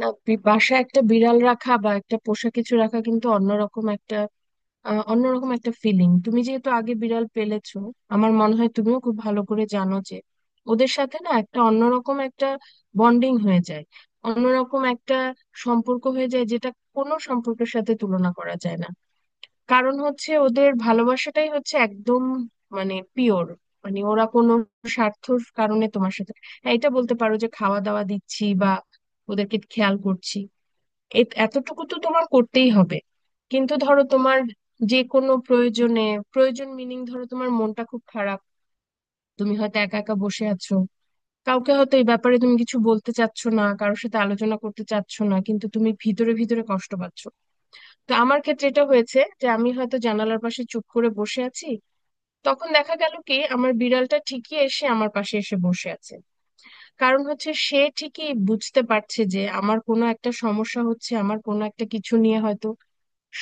না বাসায় একটা বিড়াল রাখা বা একটা পোষা কিছু রাখা কিন্তু অন্যরকম একটা অন্যরকম একটা ফিলিং। তুমি যেহেতু আগে বিড়াল পেলেছো, আমার মনে হয় তুমিও খুব ভালো করে জানো যে ওদের সাথে না একটা অন্যরকম একটা বন্ডিং হয়ে যায়, অন্যরকম একটা সম্পর্ক হয়ে যায়, যেটা কোনো সম্পর্কের সাথে তুলনা করা যায় না। কারণ হচ্ছে ওদের ভালোবাসাটাই হচ্ছে একদম মানে পিওর। মানে ওরা কোনো স্বার্থর কারণে তোমার সাথে হ্যাঁ, এটা বলতে পারো যে খাওয়া দাওয়া দিচ্ছি বা ওদেরকে খেয়াল করছি, এতটুকু তো তোমার করতেই হবে। কিন্তু ধরো তোমার যে কোনো প্রয়োজনে, প্রয়োজন মিনিং ধরো তোমার মনটা খুব খারাপ, তুমি হয়তো একা একা বসে আছো, কাউকে হয়তো এই ব্যাপারে তুমি কিছু বলতে চাচ্ছ না, কারোর সাথে আলোচনা করতে চাচ্ছ না, কিন্তু তুমি ভিতরে ভিতরে কষ্ট পাচ্ছ। তো আমার ক্ষেত্রে এটা হয়েছে যে আমি হয়তো জানালার পাশে চুপ করে বসে আছি, তখন দেখা গেল কি আমার বিড়ালটা ঠিকই এসে আমার পাশে এসে বসে আছে। কারণ হচ্ছে সে ঠিকই বুঝতে পারছে যে আমার কোনো একটা সমস্যা হচ্ছে, আমার কোনো একটা কিছু নিয়ে হয়তো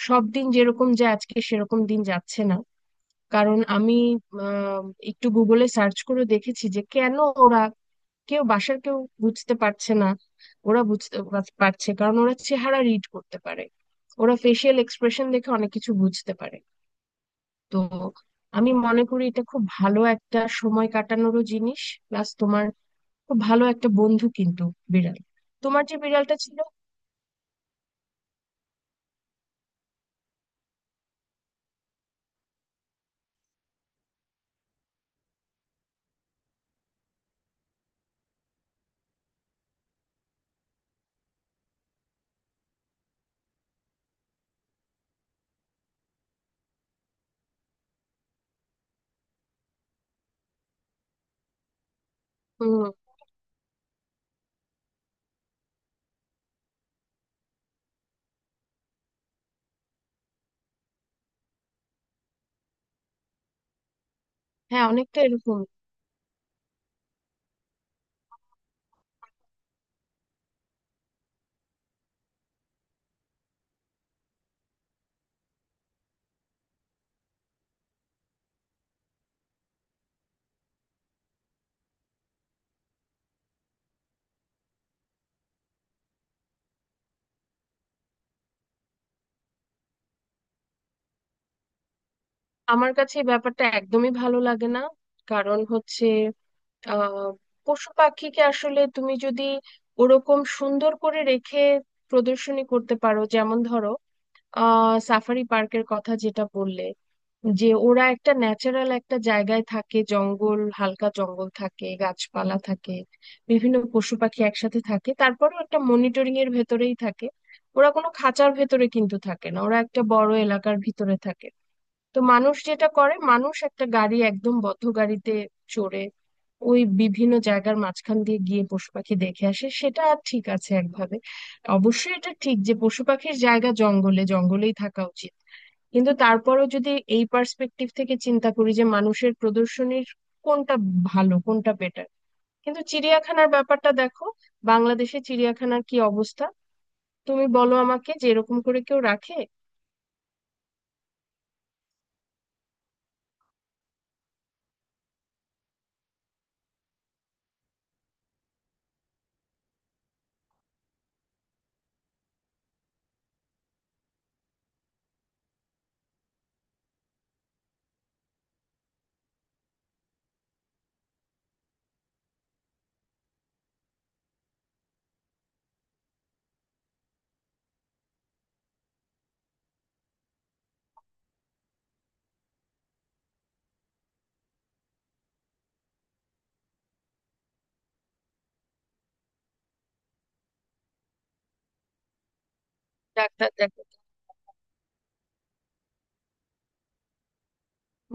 সব দিন যেরকম যায় আজকে সেরকম দিন যাচ্ছে না। কারণ আমি আহ, একটু গুগলে সার্চ করে দেখেছি যে কেন ওরা, কেউ বাসার কেউ বুঝতে পারছে না, ওরা বুঝতে পারছে কারণ ওরা চেহারা রিড করতে পারে, ওরা ফেসিয়াল এক্সপ্রেশন দেখে অনেক কিছু বুঝতে পারে। তো আমি মনে করি এটা খুব ভালো একটা সময় কাটানোরও জিনিস, প্লাস তোমার খুব ভালো একটা বন্ধু কিন্তু বিড়াল। তোমার যে বিড়ালটা ছিল। উম। হ্যাঁ, অনেকটা এরকম। আমার কাছে এই ব্যাপারটা একদমই ভালো লাগে না। কারণ হচ্ছে আহ পশু পাখিকে আসলে তুমি যদি ওরকম সুন্দর করে রেখে প্রদর্শনী করতে পারো, যেমন ধরো সাফারি পার্কের কথা যেটা বললে, যে ওরা একটা ন্যাচারাল একটা জায়গায় থাকে, জঙ্গল হালকা জঙ্গল থাকে, গাছপালা থাকে, বিভিন্ন পশু পাখি একসাথে থাকে, তারপরেও একটা মনিটরিং এর ভেতরেই থাকে, ওরা কোনো খাঁচার ভেতরে কিন্তু থাকে না, ওরা একটা বড় এলাকার ভিতরে থাকে। তো মানুষ যেটা করে, মানুষ একটা গাড়ি, একদম বদ্ধ গাড়িতে চড়ে ওই বিভিন্ন জায়গার মাঝখান দিয়ে গিয়ে পশু পাখি দেখে আসে, সেটা ঠিক আছে একভাবে। অবশ্যই এটা ঠিক যে পশু পাখির জায়গা জঙ্গলে, জঙ্গলেই থাকা উচিত, কিন্তু তারপরেও যদি এই পার্সপেক্টিভ থেকে চিন্তা করি যে মানুষের প্রদর্শনীর কোনটা ভালো কোনটা বেটার, কিন্তু চিড়িয়াখানার ব্যাপারটা দেখো, বাংলাদেশে চিড়িয়াখানার কি অবস্থা, তুমি বলো আমাকে যে এরকম করে কেউ রাখে। ডাক্তার দেখো।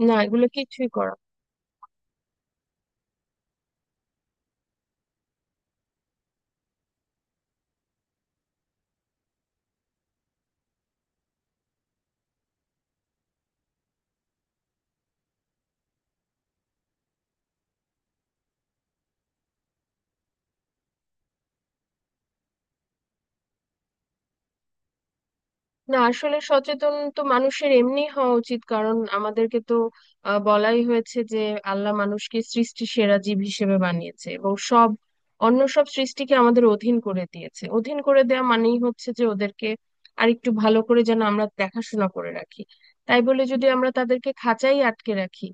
না এগুলো কিছুই করা। না, আসলে সচেতন তো মানুষের এমনি হওয়া উচিত, কারণ আমাদেরকে তো বলাই হয়েছে যে আল্লাহ মানুষকে সৃষ্টি সেরা জীব হিসেবে বানিয়েছে এবং সব, অন্য সব সৃষ্টিকে আমাদের অধীন করে দিয়েছে। অধীন করে দেওয়া মানেই হচ্ছে যে ওদেরকে আরেকটু ভালো করে যেন আমরা দেখাশোনা করে রাখি। তাই বলে যদি আমরা তাদেরকে খাঁচাই আটকে রাখি,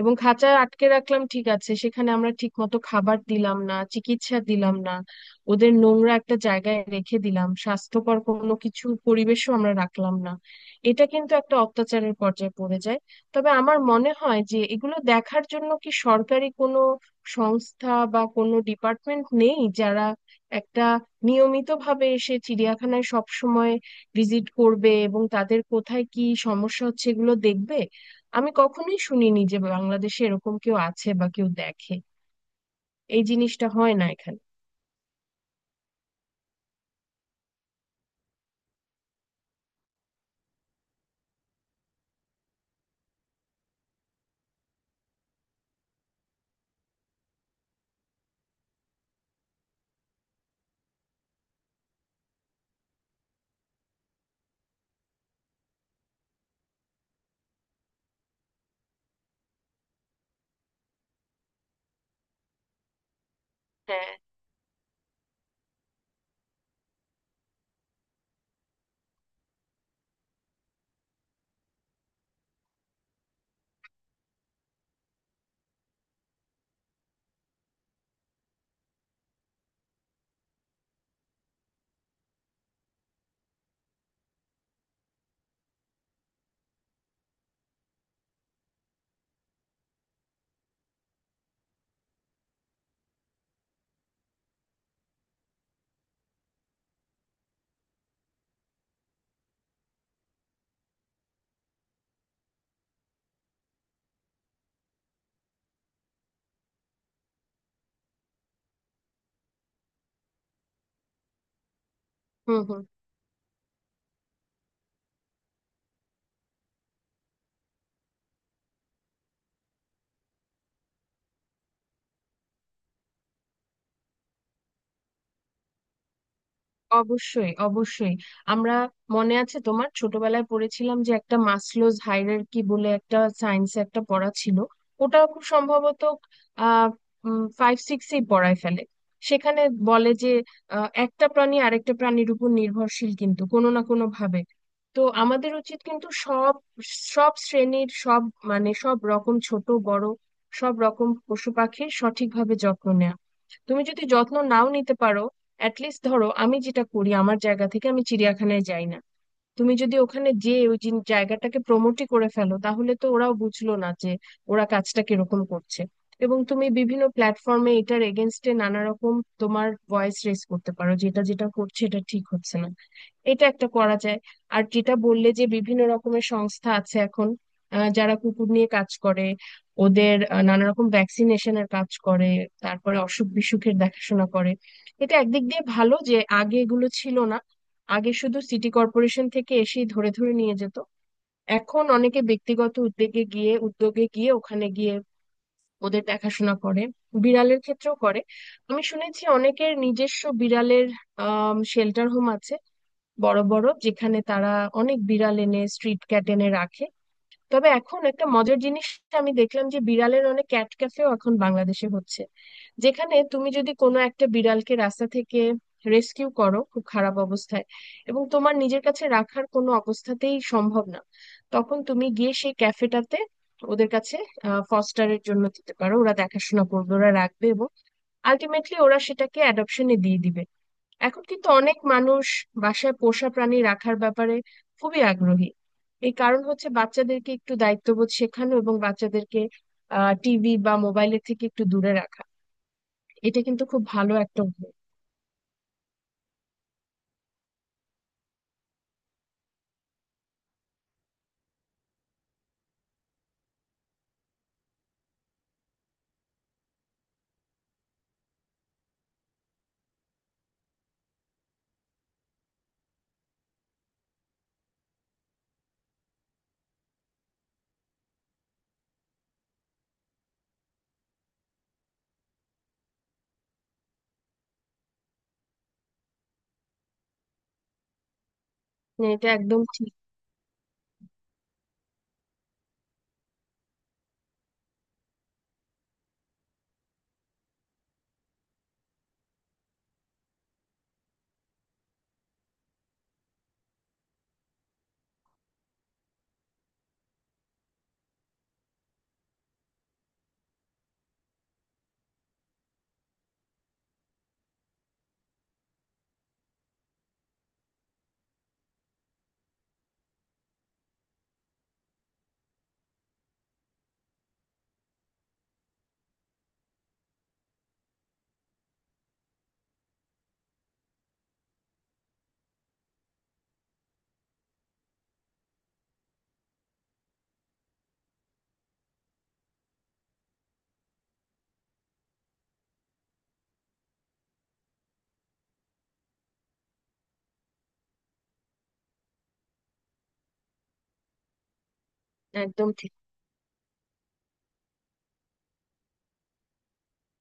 এবং খাঁচায় আটকে রাখলাম ঠিক আছে, সেখানে আমরা ঠিক মতো খাবার দিলাম না, চিকিৎসা দিলাম না, ওদের নোংরা একটা জায়গায় রেখে দিলাম, স্বাস্থ্যকর কোনো কিছু পরিবেশও আমরা রাখলাম না, এটা কিন্তু একটা অত্যাচারের পর্যায়ে পড়ে যায়। তবে আমার মনে হয় যে এগুলো দেখার জন্য কি সরকারি কোনো সংস্থা বা কোনো ডিপার্টমেন্ট নেই, যারা একটা নিয়মিতভাবে এসে চিড়িয়াখানায় সব সময় ভিজিট করবে এবং তাদের কোথায় কি সমস্যা হচ্ছে এগুলো দেখবে। আমি কখনোই শুনিনি যে বাংলাদেশে এরকম কেউ আছে বা কেউ দেখে, এই জিনিসটা হয় না এখানে। হ্যাঁ। হুম হুম। অবশ্যই অবশ্যই। আমরা, মনে আছে তোমার ছোটবেলায় পড়েছিলাম যে একটা মাসলোজ হায়ারার্কি বলে একটা সায়েন্সে একটা পড়া ছিল, ওটা খুব সম্ভবত আহ ফাইভ সিক্সেই পড়ায় ফেলে। সেখানে বলে যে একটা প্রাণী আরেকটা প্রাণীর উপর নির্ভরশীল কিন্তু কোনো না কোনো ভাবে। তো আমাদের উচিত কিন্তু সব, সব শ্রেণীর সব, মানে সব রকম ছোট বড় সব রকম পশু পাখির সঠিকভাবে যত্ন নেওয়া। তুমি যদি যত্ন নাও নিতে পারো, অ্যাট লিস্ট ধরো আমি যেটা করি, আমার জায়গা থেকে আমি চিড়িয়াখানায় যাই না। তুমি যদি ওখানে যে ওই জায়গাটাকে প্রমোটই করে ফেলো, তাহলে তো ওরাও বুঝলো না যে ওরা কাজটা কিরকম করছে। এবং তুমি বিভিন্ন প্ল্যাটফর্মে এটার এগেনস্টে নানা রকম তোমার ভয়েস রেজ করতে পারো, যেটা যেটা করছে এটা ঠিক হচ্ছে না, এটা একটা করা যায়। আর যেটা বললে যে বিভিন্ন রকমের সংস্থা আছে এখন, যারা কুকুর নিয়ে কাজ করে, ওদের নানা রকম ভ্যাকসিনেশনের কাজ করে, তারপরে অসুখ বিসুখের দেখাশোনা করে। এটা একদিক দিয়ে ভালো যে আগে এগুলো ছিল না, আগে শুধু সিটি কর্পোরেশন থেকে এসেই ধরে ধরে নিয়ে যেত। এখন অনেকে ব্যক্তিগত উদ্যোগে গিয়ে, উদ্যোগে গিয়ে ওখানে গিয়ে ওদের দেখাশোনা করে, বিড়ালের ক্ষেত্রেও করে। আমি শুনেছি অনেকের নিজস্ব বিড়ালের শেল্টার হোম আছে, বড় বড়, যেখানে তারা অনেক বিড়াল এনে স্ট্রিট ক্যাট এনে রাখে। তবে এখন একটা মজার জিনিস আমি দেখলাম, যে বিড়ালের অনেক ক্যাট ক্যাফেও এখন বাংলাদেশে হচ্ছে, যেখানে তুমি যদি কোনো একটা বিড়ালকে রাস্তা থেকে রেস্কিউ করো খুব খারাপ অবস্থায়, এবং তোমার নিজের কাছে রাখার কোনো অবস্থাতেই সম্ভব না, তখন তুমি গিয়ে সেই ক্যাফেটাতে ওদের কাছে ফস্টারের জন্য দিতে পারো, ওরা দেখাশোনা করবে, ওরা রাখবে, এবং আলটিমেটলি ওরা সেটাকে অ্যাডপশনে দিয়ে দিবে। এখন কিন্তু অনেক মানুষ বাসায় পোষা প্রাণী রাখার ব্যাপারে খুবই আগ্রহী। এই কারণ হচ্ছে বাচ্চাদেরকে একটু দায়িত্ববোধ শেখানো, এবং বাচ্চাদেরকে টিভি বা মোবাইলের থেকে একটু দূরে রাখা, এটা কিন্তু খুব ভালো একটা উদ্যোগ। মানে এটা একদম একদম ঠিক।